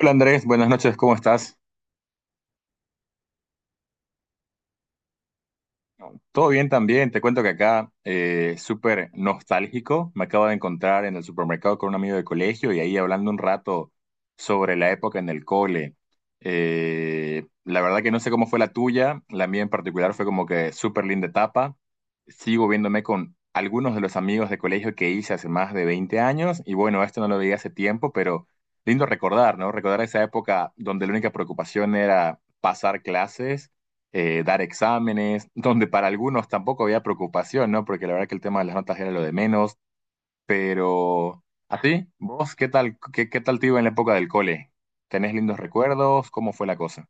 Hola Andrés, buenas noches, ¿cómo estás? Todo bien también, te cuento que acá súper nostálgico, me acabo de encontrar en el supermercado con un amigo de colegio y ahí hablando un rato sobre la época en el cole. La verdad que no sé cómo fue la tuya, la mía en particular fue como que súper linda etapa, sigo viéndome con algunos de los amigos de colegio que hice hace más de 20 años y bueno, esto no lo veía hace tiempo, pero lindo recordar, ¿no? Recordar esa época donde la única preocupación era pasar clases dar exámenes, donde para algunos tampoco había preocupación, ¿no? Porque la verdad que el tema de las notas era lo de menos, pero así, ¿vos qué tal, qué tal te iba en la época del cole? ¿Tenés lindos recuerdos? ¿Cómo fue la cosa?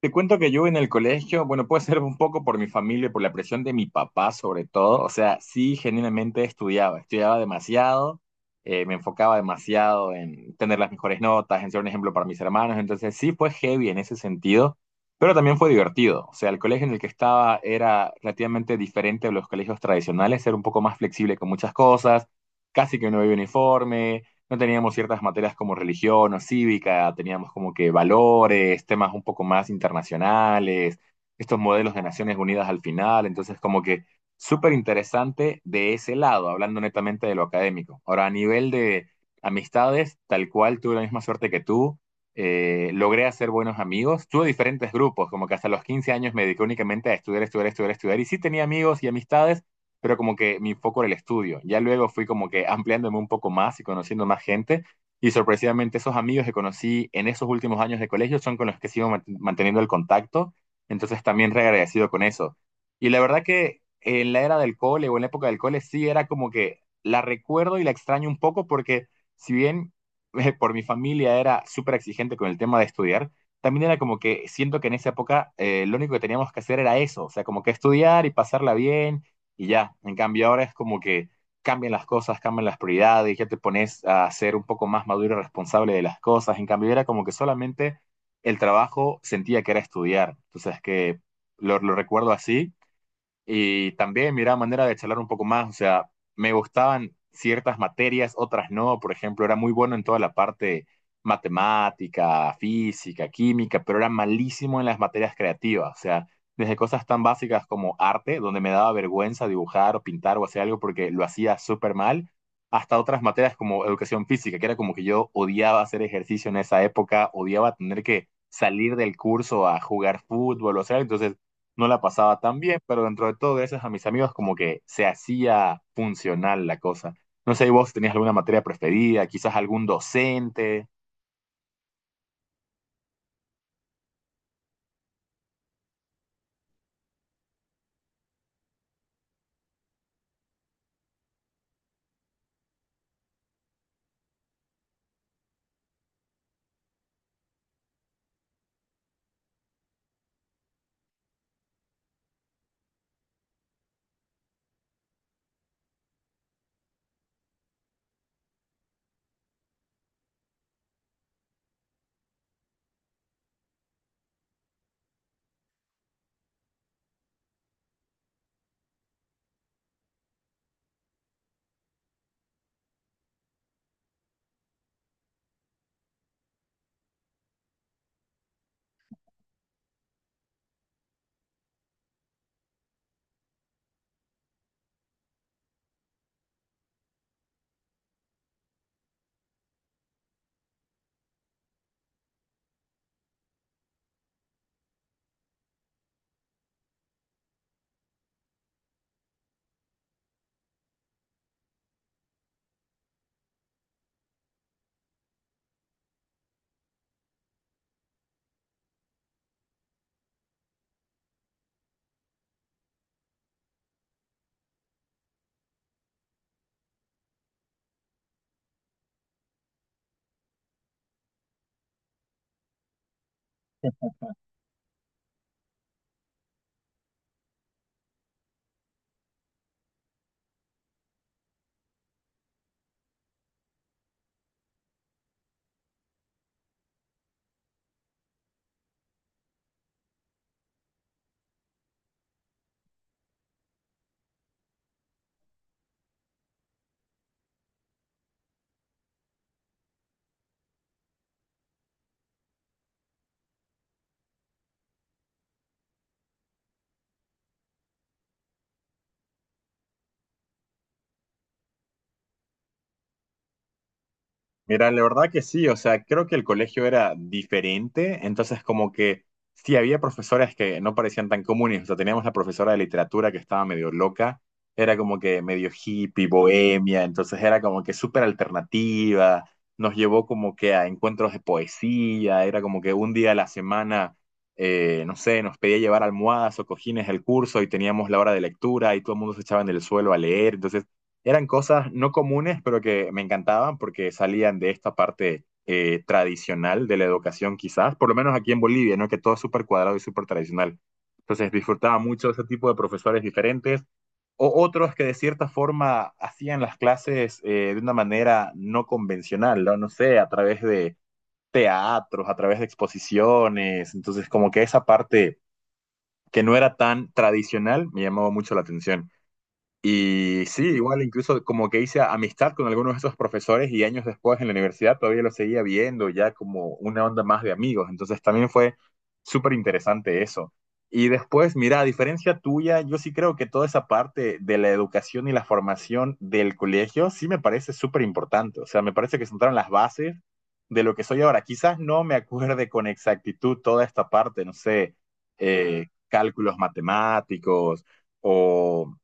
Te cuento que yo en el colegio, bueno, puede ser un poco por mi familia, por la presión de mi papá sobre todo, o sea, sí, genuinamente estudiaba, estudiaba demasiado, me enfocaba demasiado en tener las mejores notas, en ser un ejemplo para mis hermanos, entonces sí fue heavy en ese sentido, pero también fue divertido, o sea, el colegio en el que estaba era relativamente diferente a los colegios tradicionales, era un poco más flexible con muchas cosas, casi que no había uniforme, no teníamos ciertas materias como religión o cívica, teníamos como que valores, temas un poco más internacionales, estos modelos de Naciones Unidas al final, entonces como que súper interesante de ese lado, hablando netamente de lo académico. Ahora, a nivel de amistades, tal cual tuve la misma suerte que tú, logré hacer buenos amigos, tuve diferentes grupos, como que hasta los 15 años me dediqué únicamente a estudiar, estudiar, estudiar, estudiar, y sí tenía amigos y amistades, pero como que mi foco era el estudio. Ya luego fui como que ampliándome un poco más y conociendo más gente. Y sorpresivamente esos amigos que conocí en esos últimos años de colegio son con los que sigo manteniendo el contacto. Entonces también re agradecido con eso. Y la verdad que en la era del cole o en la época del cole sí era como que la recuerdo y la extraño un poco porque si bien por mi familia era súper exigente con el tema de estudiar, también era como que siento que en esa época lo único que teníamos que hacer era eso, o sea, como que estudiar y pasarla bien y ya. En cambio, ahora es como que cambian las cosas, cambian las prioridades, ya te pones a ser un poco más maduro y responsable de las cosas. En cambio, era como que solamente el trabajo sentía que era estudiar. Entonces, que lo recuerdo así y también miraba manera de charlar un poco más, o sea, me gustaban ciertas materias, otras no, por ejemplo, era muy bueno en toda la parte matemática, física, química, pero era malísimo en las materias creativas, o sea, desde cosas tan básicas como arte, donde me daba vergüenza dibujar o pintar o hacer algo porque lo hacía súper mal, hasta otras materias como educación física, que era como que yo odiaba hacer ejercicio en esa época, odiaba tener que salir del curso a jugar fútbol o hacer, entonces no la pasaba tan bien, pero dentro de todo, gracias a mis amigos, como que se hacía funcional la cosa. No sé, ¿y vos tenías alguna materia preferida, quizás algún docente? Mira, la verdad que sí, o sea, creo que el colegio era diferente, entonces como que sí había profesoras que no parecían tan comunes, o sea, teníamos la profesora de literatura que estaba medio loca, era como que medio hippie, bohemia, entonces era como que súper alternativa, nos llevó como que a encuentros de poesía, era como que un día a la semana, no sé, nos pedía llevar almohadas o cojines al curso y teníamos la hora de lectura y todo el mundo se echaba en el suelo a leer, entonces eran cosas no comunes, pero que me encantaban porque salían de esta parte tradicional de la educación, quizás, por lo menos aquí en Bolivia, ¿no? Que todo es súper cuadrado y súper tradicional. Entonces disfrutaba mucho ese tipo de profesores diferentes o otros que de cierta forma hacían las clases de una manera no convencional, ¿no? No sé, a través de teatros, a través de exposiciones. Entonces, como que esa parte que no era tan tradicional me llamó mucho la atención. Y sí, igual incluso como que hice amistad con algunos de esos profesores y años después en la universidad todavía los seguía viendo ya como una onda más de amigos. Entonces también fue súper interesante eso. Y después, mira, a diferencia tuya, yo sí creo que toda esa parte de la educación y la formación del colegio sí me parece súper importante. O sea, me parece que sentaron las bases de lo que soy ahora. Quizás no me acuerde con exactitud toda esta parte, no sé, cálculos matemáticos o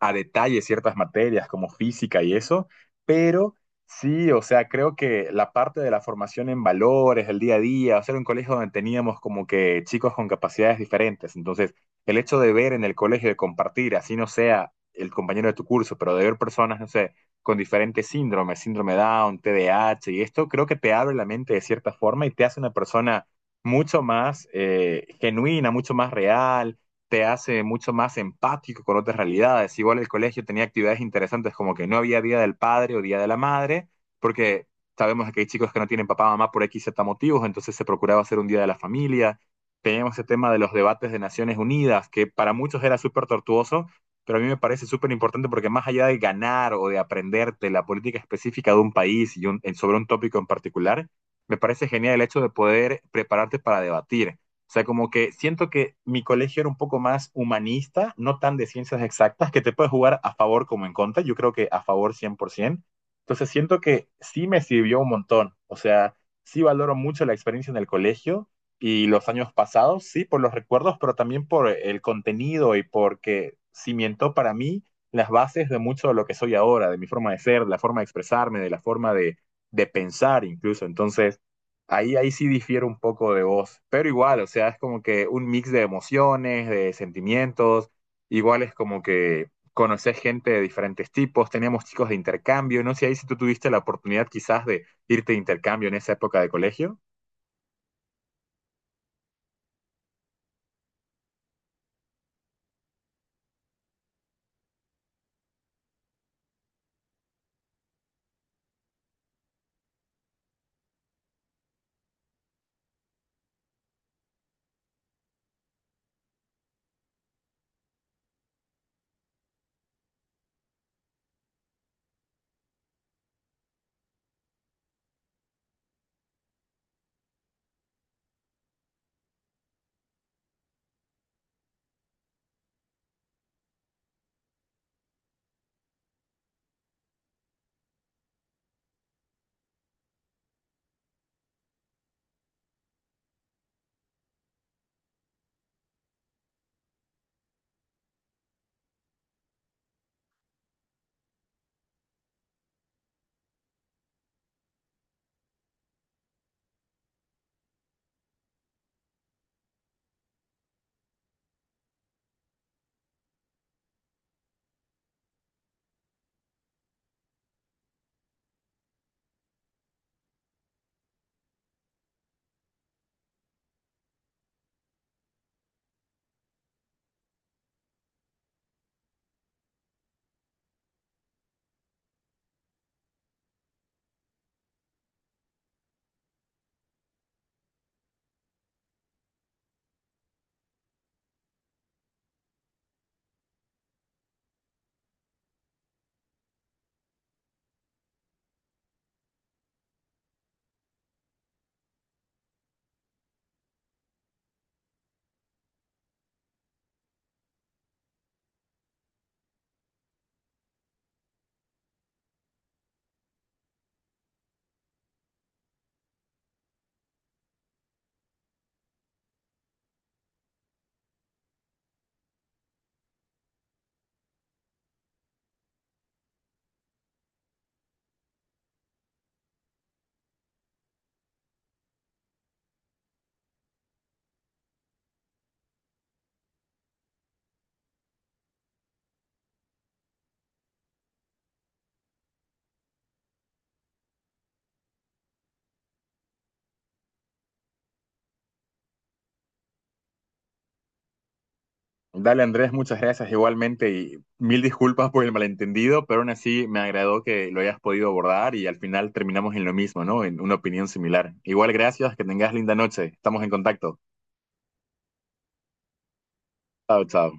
a detalle ciertas materias como física y eso, pero sí, o sea, creo que la parte de la formación en valores, el día a día, o sea, era un colegio donde teníamos como que chicos con capacidades diferentes, entonces el hecho de ver en el colegio, de compartir, así no sea el compañero de tu curso, pero de ver personas, no sé, con diferentes síndromes, síndrome Down, t d A h y esto, creo que te abre la mente de cierta forma y te hace una persona mucho más genuina, mucho más real, te hace mucho más empático con otras realidades. Igual el colegio tenía actividades interesantes como que no había Día del Padre o Día de la Madre, porque sabemos que hay chicos que no tienen papá o mamá por X, Z motivos, entonces se procuraba hacer un Día de la Familia. Teníamos ese tema de los debates de Naciones Unidas, que para muchos era súper tortuoso, pero a mí me parece súper importante porque más allá de ganar o de aprenderte la política específica de un país y sobre un tópico en particular, me parece genial el hecho de poder prepararte para debatir, o sea, como que siento que mi colegio era un poco más humanista, no tan de ciencias exactas, que te puede jugar a favor como en contra. Yo creo que a favor 100%. Entonces siento que sí me sirvió un montón. O sea, sí valoro mucho la experiencia en el colegio y los años pasados, sí, por los recuerdos, pero también por el contenido y porque cimentó para mí las bases de mucho de lo que soy ahora, de mi forma de ser, de la forma de expresarme, de la forma de pensar incluso. Entonces, ahí sí difiere un poco de vos, pero igual, o sea, es como que un mix de emociones, de sentimientos, igual es como que conoces gente de diferentes tipos, teníamos chicos de intercambio, no sé ahí si tú tuviste la oportunidad quizás de irte de intercambio en esa época de colegio. Dale Andrés, muchas gracias igualmente y mil disculpas por el malentendido, pero aún así me agradó que lo hayas podido abordar y al final terminamos en lo mismo, ¿no? En una opinión similar. Igual gracias, que tengas linda noche, estamos en contacto. Chao, chao.